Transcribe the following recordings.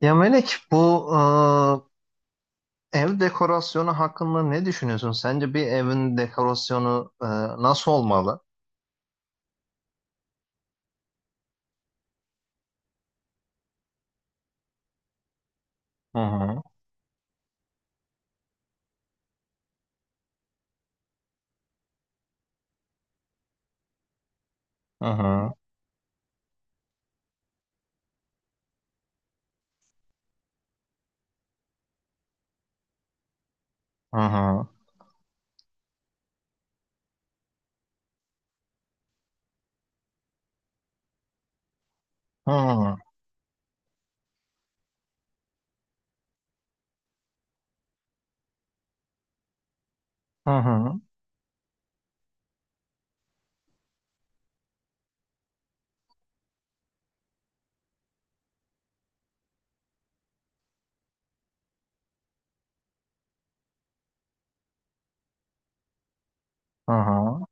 Ya Melek bu ev dekorasyonu hakkında ne düşünüyorsun? Sence bir evin dekorasyonu nasıl olmalı? Hı hı, hı hı, hı hı, hı hı, hı hı, hı hı.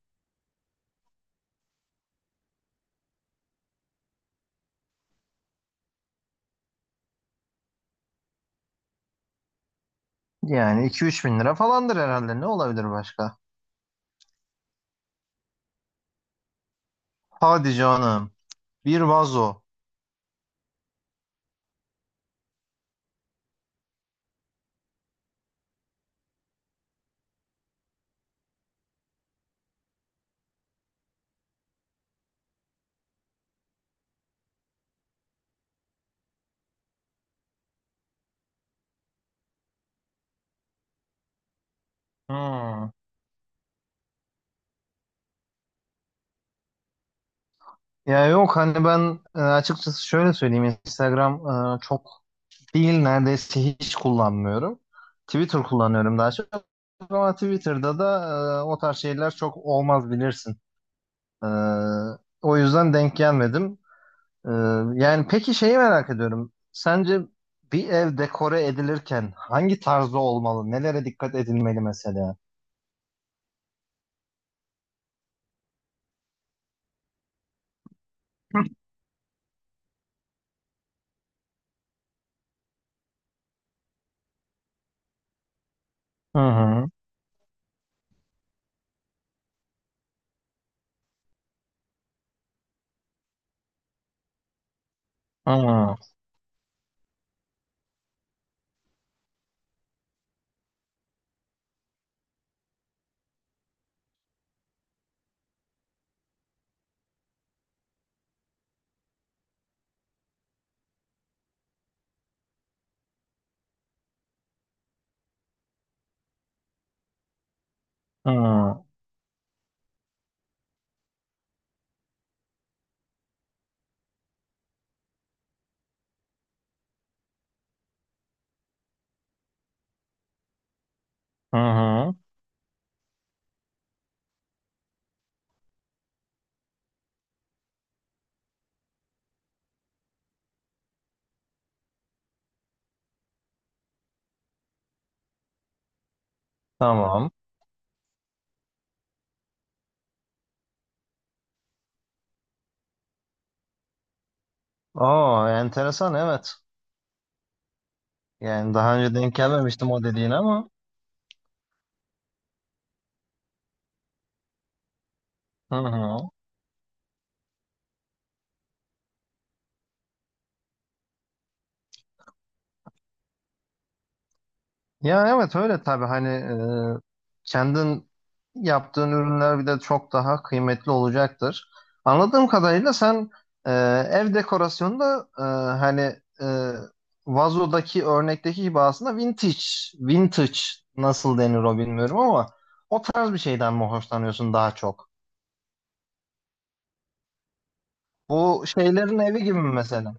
Yani 2-3 bin lira falandır herhalde. Ne olabilir başka? Hadi canım. Bir vazo. Hı. Ya yok hani ben açıkçası şöyle söyleyeyim. Instagram çok değil neredeyse hiç kullanmıyorum. Twitter kullanıyorum daha çok. Ama Twitter'da da o tarz şeyler çok olmaz bilirsin. E, o yüzden denk gelmedim. E, yani peki şeyi merak ediyorum. Sence bir ev dekore edilirken hangi tarzda olmalı? Nelere dikkat edilmeli mesela? Hı hı. Hı hı. Hı hı. Hı. Tamam. Oo, enteresan evet. Yani daha önce denk gelmemiştim o dediğine ama. Hı hı. Ya evet öyle tabii hani e, kendin yaptığın ürünler bir de çok daha kıymetli olacaktır. Anladığım kadarıyla sen e, ev dekorasyonunda hani e, vazodaki örnekteki gibi aslında vintage, vintage nasıl denir o bilmiyorum ama o tarz bir şeyden mi hoşlanıyorsun daha çok? Bu şeylerin evi gibi mi mesela?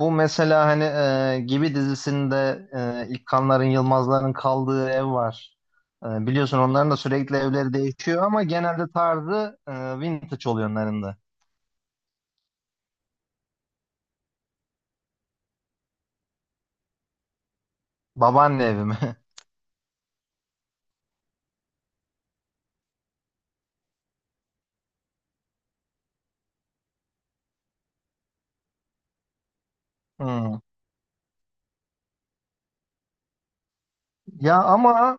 Bu mesela hani Gibi dizisinde İlkanların, Yılmazların kaldığı ev var. Biliyorsun onların da sürekli evleri değişiyor ama genelde tarzı vintage oluyor onların da. Babaanne evi mi? Hmm. Ya ama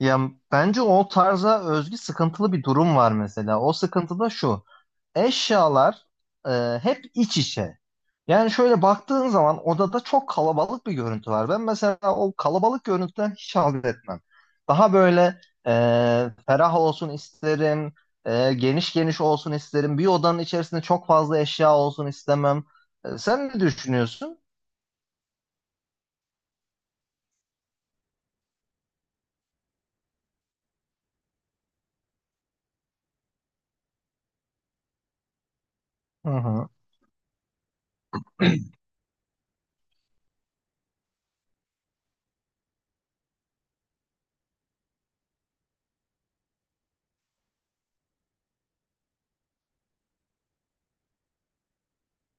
ya bence o tarza özgü sıkıntılı bir durum var mesela. O sıkıntı da şu. Eşyalar hep iç içe. Yani şöyle baktığın zaman odada çok kalabalık bir görüntü var. Ben mesela o kalabalık görüntüden hiç haz etmem. Daha böyle e, ferah olsun isterim, geniş geniş olsun isterim. Bir odanın içerisinde çok fazla eşya olsun istemem. Sen ne düşünüyorsun? Hı hı,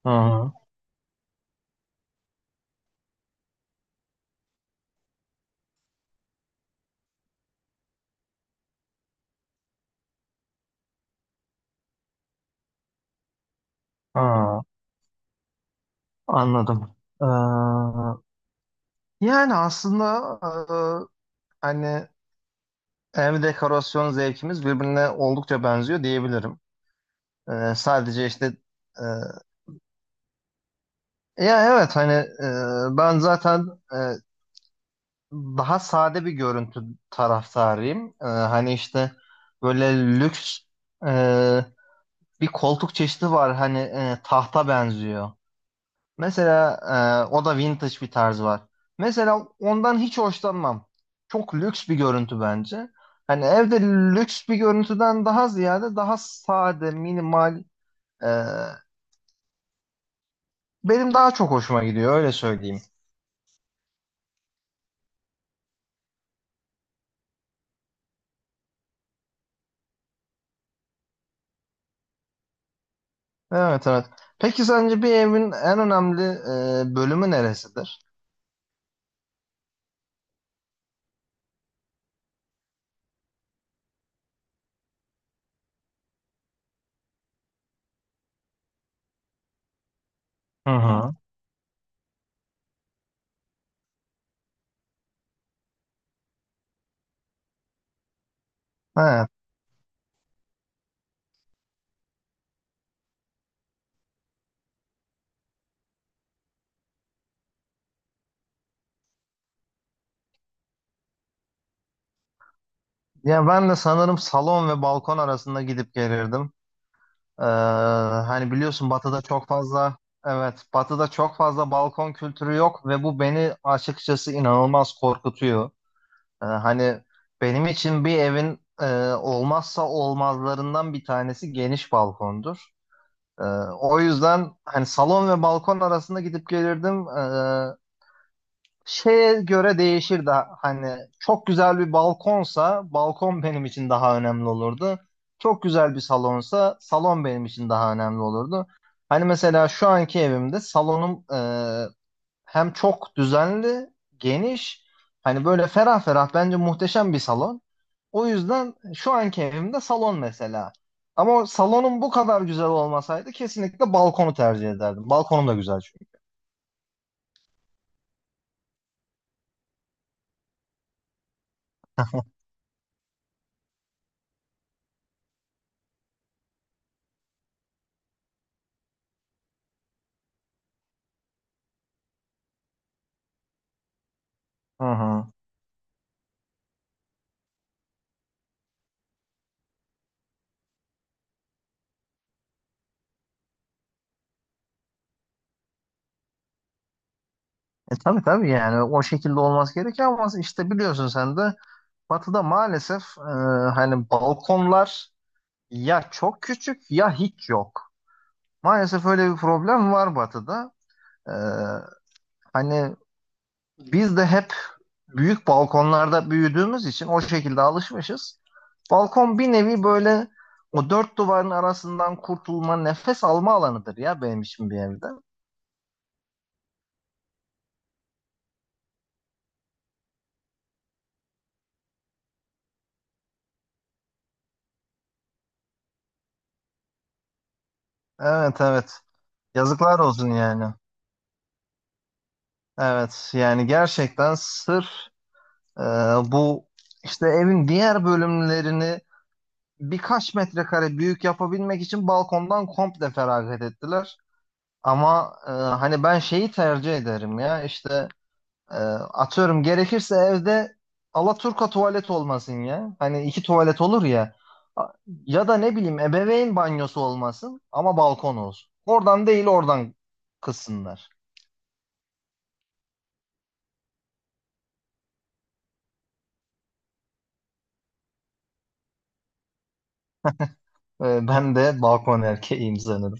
hı hı, hı. Anladım. Ee, yani aslında hani ev dekorasyon zevkimiz birbirine oldukça benziyor diyebilirim. Sadece işte ya evet hani ben zaten e, daha sade bir görüntü taraftarıyım. Hani işte böyle lüks e, bir koltuk çeşidi var hani tahta benziyor. Mesela o da vintage bir tarz var. Mesela ondan hiç hoşlanmam. Çok lüks bir görüntü bence. Hani evde lüks bir görüntüden daha ziyade daha sade, minimal. e, benim daha çok hoşuma gidiyor öyle söyleyeyim. Evet, evet. Peki sence bir evin en önemli bölümü neresidir? Hı hı. Evet. Ya ben de sanırım salon ve balkon arasında gidip gelirdim. Ee, hani biliyorsun Batı'da çok fazla evet Batı'da çok fazla balkon kültürü yok ve bu beni açıkçası inanılmaz korkutuyor. Hani benim için bir evin olmazsa olmazlarından bir tanesi geniş balkondur. Ee, o yüzden hani salon ve balkon arasında gidip gelirdim. Şeye göre değişir de hani çok güzel bir balkonsa balkon benim için daha önemli olurdu. Çok güzel bir salonsa salon benim için daha önemli olurdu. Hani mesela şu anki evimde salonum hem çok düzenli, geniş, hani böyle ferah ferah bence muhteşem bir salon. O yüzden şu anki evimde salon mesela. Ama o salonum bu kadar güzel olmasaydı kesinlikle balkonu tercih ederdim. Balkonum da güzel çünkü. Hı hı. E, tabii tabii yani o şekilde olması gerekiyor ama işte biliyorsun sen de Batı'da maalesef hani balkonlar ya çok küçük ya hiç yok. Maalesef öyle bir problem var Batı'da. E, hani biz de hep büyük balkonlarda büyüdüğümüz için o şekilde alışmışız. Balkon bir nevi böyle o dört duvarın arasından kurtulma, nefes alma alanıdır ya benim için bir evde. Evet, evet. Yazıklar olsun yani. Evet yani gerçekten sırf e, bu işte evin diğer bölümlerini birkaç metrekare büyük yapabilmek için balkondan komple feragat ettiler. Ama hani ben şeyi tercih ederim ya işte e, atıyorum gerekirse evde alaturka tuvalet olmasın ya. Hani iki tuvalet olur ya. A- Ya da ne bileyim ebeveyn banyosu olmasın ama balkon olsun. Oradan değil oradan kızsınlar. E, ben de balkon erkeğiyim sanırım.